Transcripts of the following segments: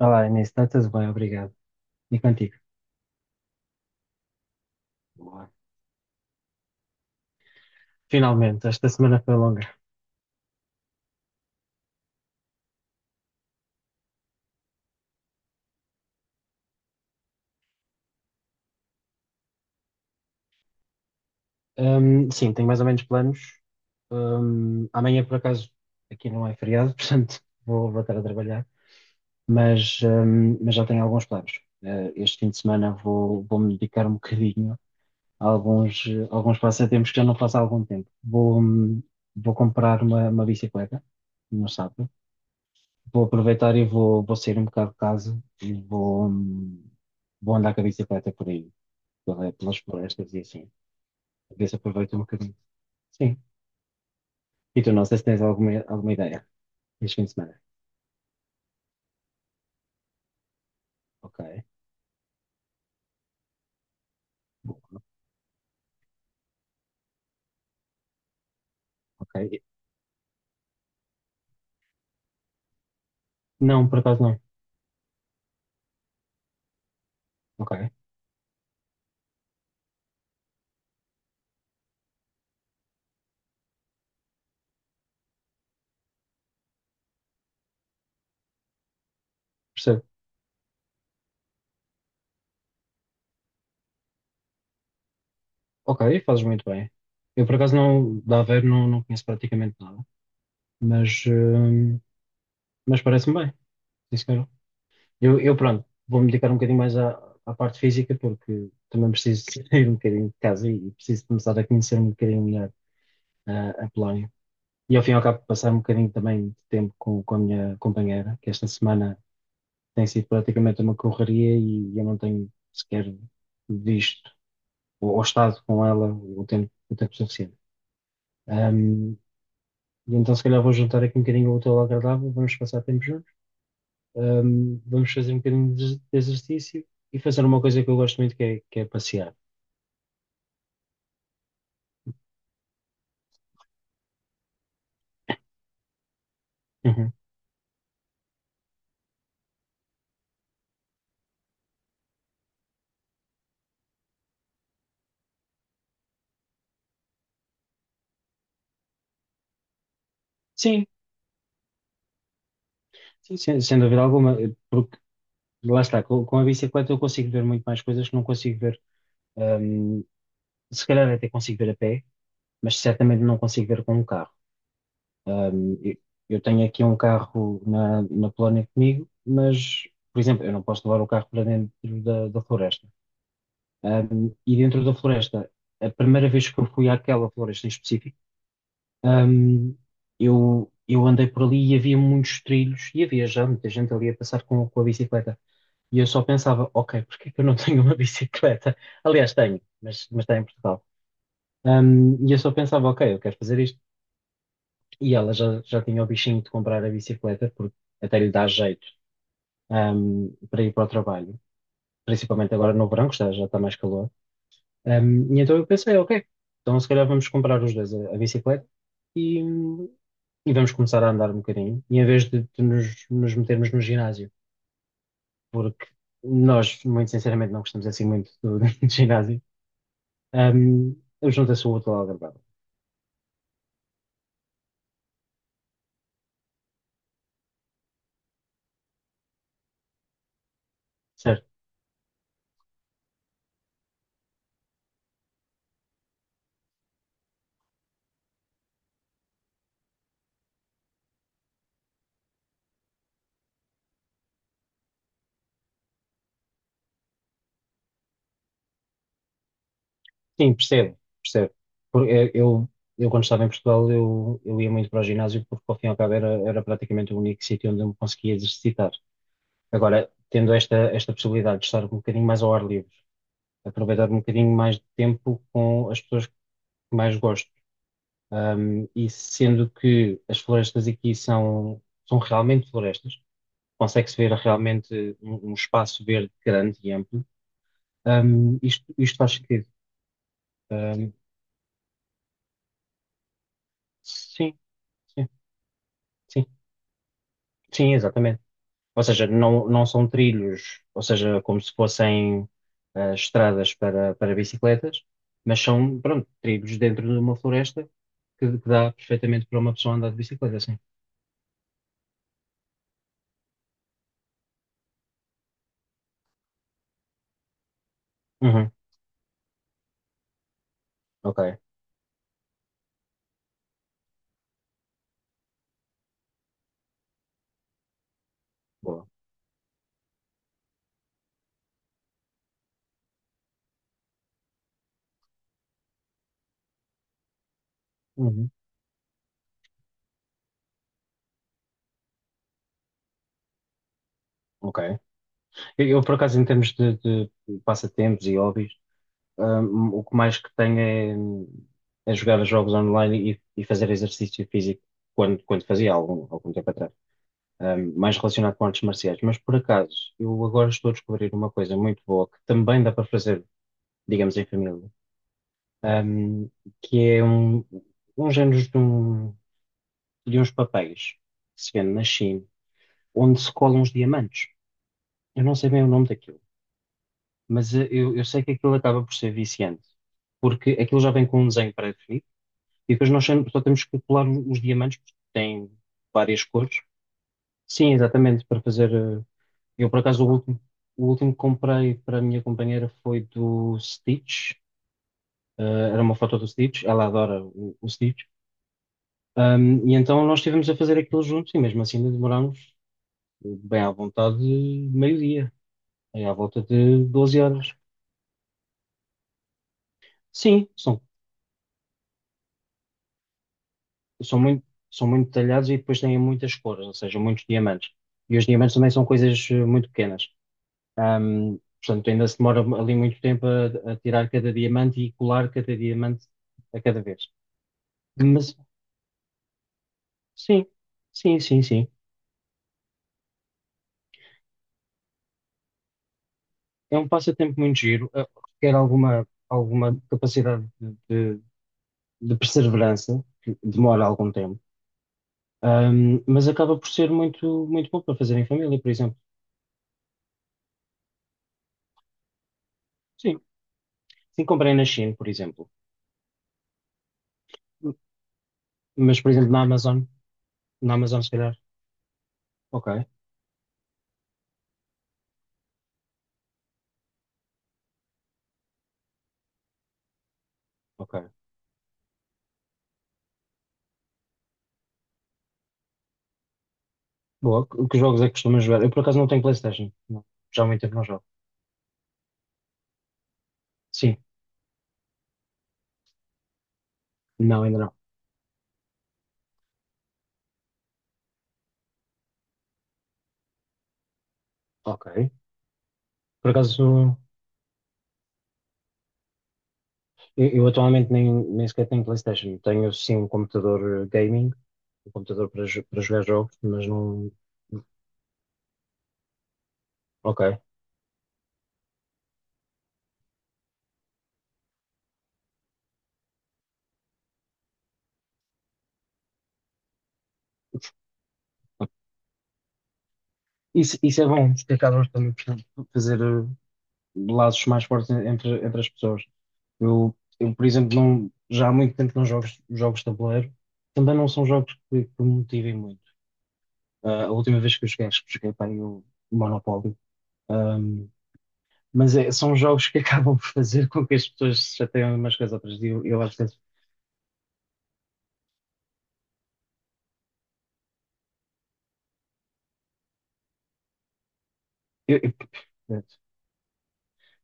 Olá, Inês, está tudo bem, obrigado. E contigo? Boa. Finalmente, esta semana foi longa. Sim, tenho mais ou menos planos. Amanhã, por acaso, aqui não é feriado, portanto, vou voltar a trabalhar, mas já tenho alguns planos. Este fim de semana vou me dedicar um bocadinho a alguns passatempos que já não faço há algum tempo. Vou comprar uma bicicleta no sábado. Vou aproveitar e vou sair um bocado de casa e vou andar com a bicicleta por aí, pelas florestas e assim. A ver se aproveito um bocadinho. Sim. E tu, não sei se tens alguma ideia este fim de semana. Ok. Ok. Não, por acaso não. Ok. Percebo. Ok, fazes muito bem. Eu, por acaso, não, da Aveiro não conheço praticamente nada, mas, hum, mas parece-me bem. Sim, senhora. Eu, pronto, vou-me dedicar um bocadinho mais à parte física, porque também preciso sair um bocadinho de casa e preciso começar a conhecer um bocadinho melhor a Polónia. E ao fim e ao cabo passar um bocadinho também de tempo com a minha companheira, que esta semana tem sido praticamente uma correria e eu não tenho sequer visto ou estado com ela o o tempo suficiente. Ahm, e então se calhar vou juntar aqui um bocadinho o útil ao agradável, vamos passar tempo juntos. Vamos fazer um bocadinho de exercício e fazer uma coisa que eu gosto muito, que que é passear. Uhum. Sim, sim, sim. Sem dúvida alguma, porque lá está, com a bicicleta eu consigo ver muito mais coisas que não consigo ver, hum, se calhar até consigo ver a pé, mas certamente não consigo ver com um carro. Hum, eu, eu tenho aqui um carro na Polónia comigo, mas, por exemplo, eu não posso levar o carro para dentro da floresta. E dentro da floresta, a primeira vez que eu fui àquela floresta em específico, Ahm, eu andei por ali e havia muitos trilhos e havia já muita gente ali a passar com a bicicleta. E eu só pensava, ok, porque é que eu não tenho uma bicicleta? Aliás, tenho, mas está em Portugal. E eu só pensava, ok, eu quero fazer isto. E ela já tinha o bichinho de comprar a bicicleta, porque até lhe dá jeito, para ir para o trabalho. Principalmente agora no verão, já está mais calor. E então eu pensei, ok, então se calhar vamos comprar os dois a bicicleta e, e vamos começar a andar um bocadinho, e em vez de, nos metermos no ginásio, porque nós, muito sinceramente, não gostamos assim muito do, do ginásio, um, eu juntei-se o útil ao agradável, certo? Sim, percebo, percebo. Porque eu, eu quando estava em Portugal, eu ia muito para o ginásio porque, ao fim e ao cabo, era praticamente o único sítio onde eu me conseguia exercitar. Agora, tendo esta possibilidade de estar um bocadinho mais ao ar livre, aproveitar um bocadinho mais de tempo com as pessoas que mais gosto. E sendo que as florestas aqui são, são realmente florestas, consegue-se ver realmente um espaço verde grande e amplo, isto faz sentido. Um, sim, sim, sim, sim, exatamente. Ou seja, não, não são trilhos, ou seja, como se fossem estradas para, para bicicletas, mas são, pronto, trilhos dentro de uma floresta que dá perfeitamente para uma pessoa andar de bicicleta, sim. Uhum. Ok, boa. Uhum. Ok. Eu, por acaso, em termos de passatempos e hobbies, o que mais que tenho é, é jogar jogos online e fazer exercício físico quando, quando fazia algum tempo atrás. Mais relacionado com artes marciais. Mas, por acaso, eu agora estou a descobrir uma coisa muito boa que também dá para fazer, digamos, em família, hum, que é um género de, de uns papéis que se vende na China, onde se colam os diamantes. Eu não sei bem o nome daquilo, mas eu sei que aquilo acaba por ser viciante, porque aquilo já vem com um desenho pré-definido e depois nós só temos que colar os diamantes, porque tem várias cores. Sim, exatamente, para fazer. Eu, por acaso, o último que comprei para a minha companheira foi do Stitch, eh, era uma foto do Stitch, ela adora o Stitch. E então nós estivemos a fazer aquilo juntos e mesmo assim demorámos bem à vontade meio-dia, aí à volta de 12 horas. Sim, são são muito, são muito detalhados e depois têm muitas cores, ou seja, muitos diamantes. E os diamantes também são coisas muito pequenas. Ahm, Portanto, ainda se demora ali muito tempo a tirar cada diamante e colar cada diamante a cada vez. Mas sim, sim, sim, sim. É um passatempo muito giro, requer alguma capacidade de perseverança, que demora algum tempo. Mas acaba por ser muito, muito bom para fazer em família, por exemplo. Sim, sim, comprei na China, por exemplo. Mas, por exemplo, na Amazon, se calhar. Ok, ok. Boa. Que jogos é que costumas jogar? Eu, por acaso, não tenho PlayStation. Não. Já há muito tempo não jogo. Sim, não, ainda não. Ok. Por acaso, eu atualmente nem, nem sequer tenho PlayStation. Tenho, sim, um computador gaming, um computador para, para jogar jogos, mas não. Ok. Isso é bom, porque acabas também por fazer laços mais fortes entre, entre as pessoas. Eu, por exemplo, não, já há muito tempo que não jogo jogos de tabuleiro. Também não são jogos que me motivem muito. Ah, a última vez que eu joguei, acho que joguei para aí o Monopólio. Ahm, mas é- são jogos que acabam por fazer com que as pessoas se chateiem umas com as outras. E eu às vezes. Eu, eu,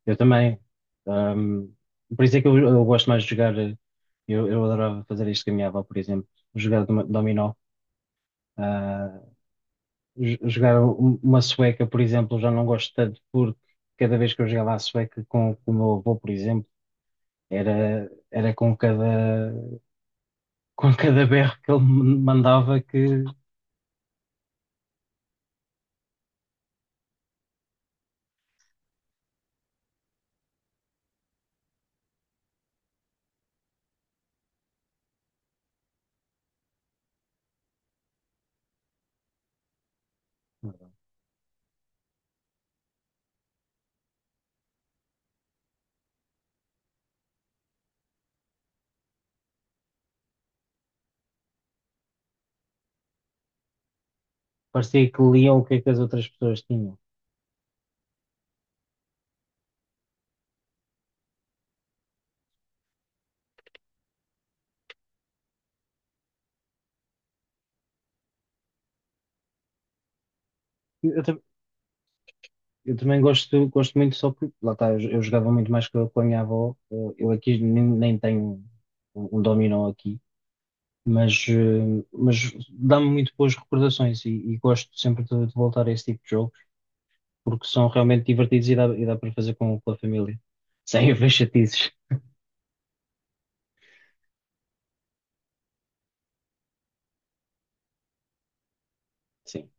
eu também. Ahm, por isso é que eu gosto mais de jogar. Eu adorava fazer isto com a minha avó, por exemplo. Jogar dominó. Ah, jogar uma sueca, por exemplo, já não gosto tanto porque cada vez que eu jogava a sueca com o meu avô, por exemplo, era com cada, com cada berro que ele me mandava que parecia que liam o que é que as outras pessoas tinham. Eu, eu tam- eu também gosto, gosto muito só porque, lá está, eu jogava muito mais com a minha avó, eu aqui nem, nem tenho um dominó aqui. Mas, mas dá-me muito boas recordações e gosto sempre de voltar a esse tipo de jogo, porque são realmente divertidos e e dá para fazer com a família, sem haver chatices. Sim,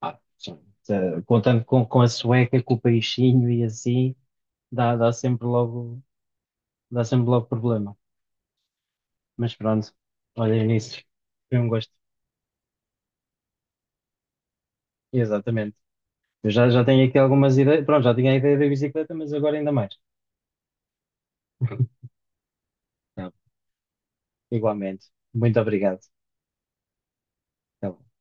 ah, sim. Contando com a sueca, com o peixinho e assim, dá, dá sempre logo, dá sempre logo problema. Mas pronto, olhem nisso, foi um gosto. Exatamente. Eu já, já tenho aqui algumas ideias, pronto, já tinha a ideia da bicicleta, mas agora ainda mais. Tá bom. Igualmente. Muito obrigado. Tá bom.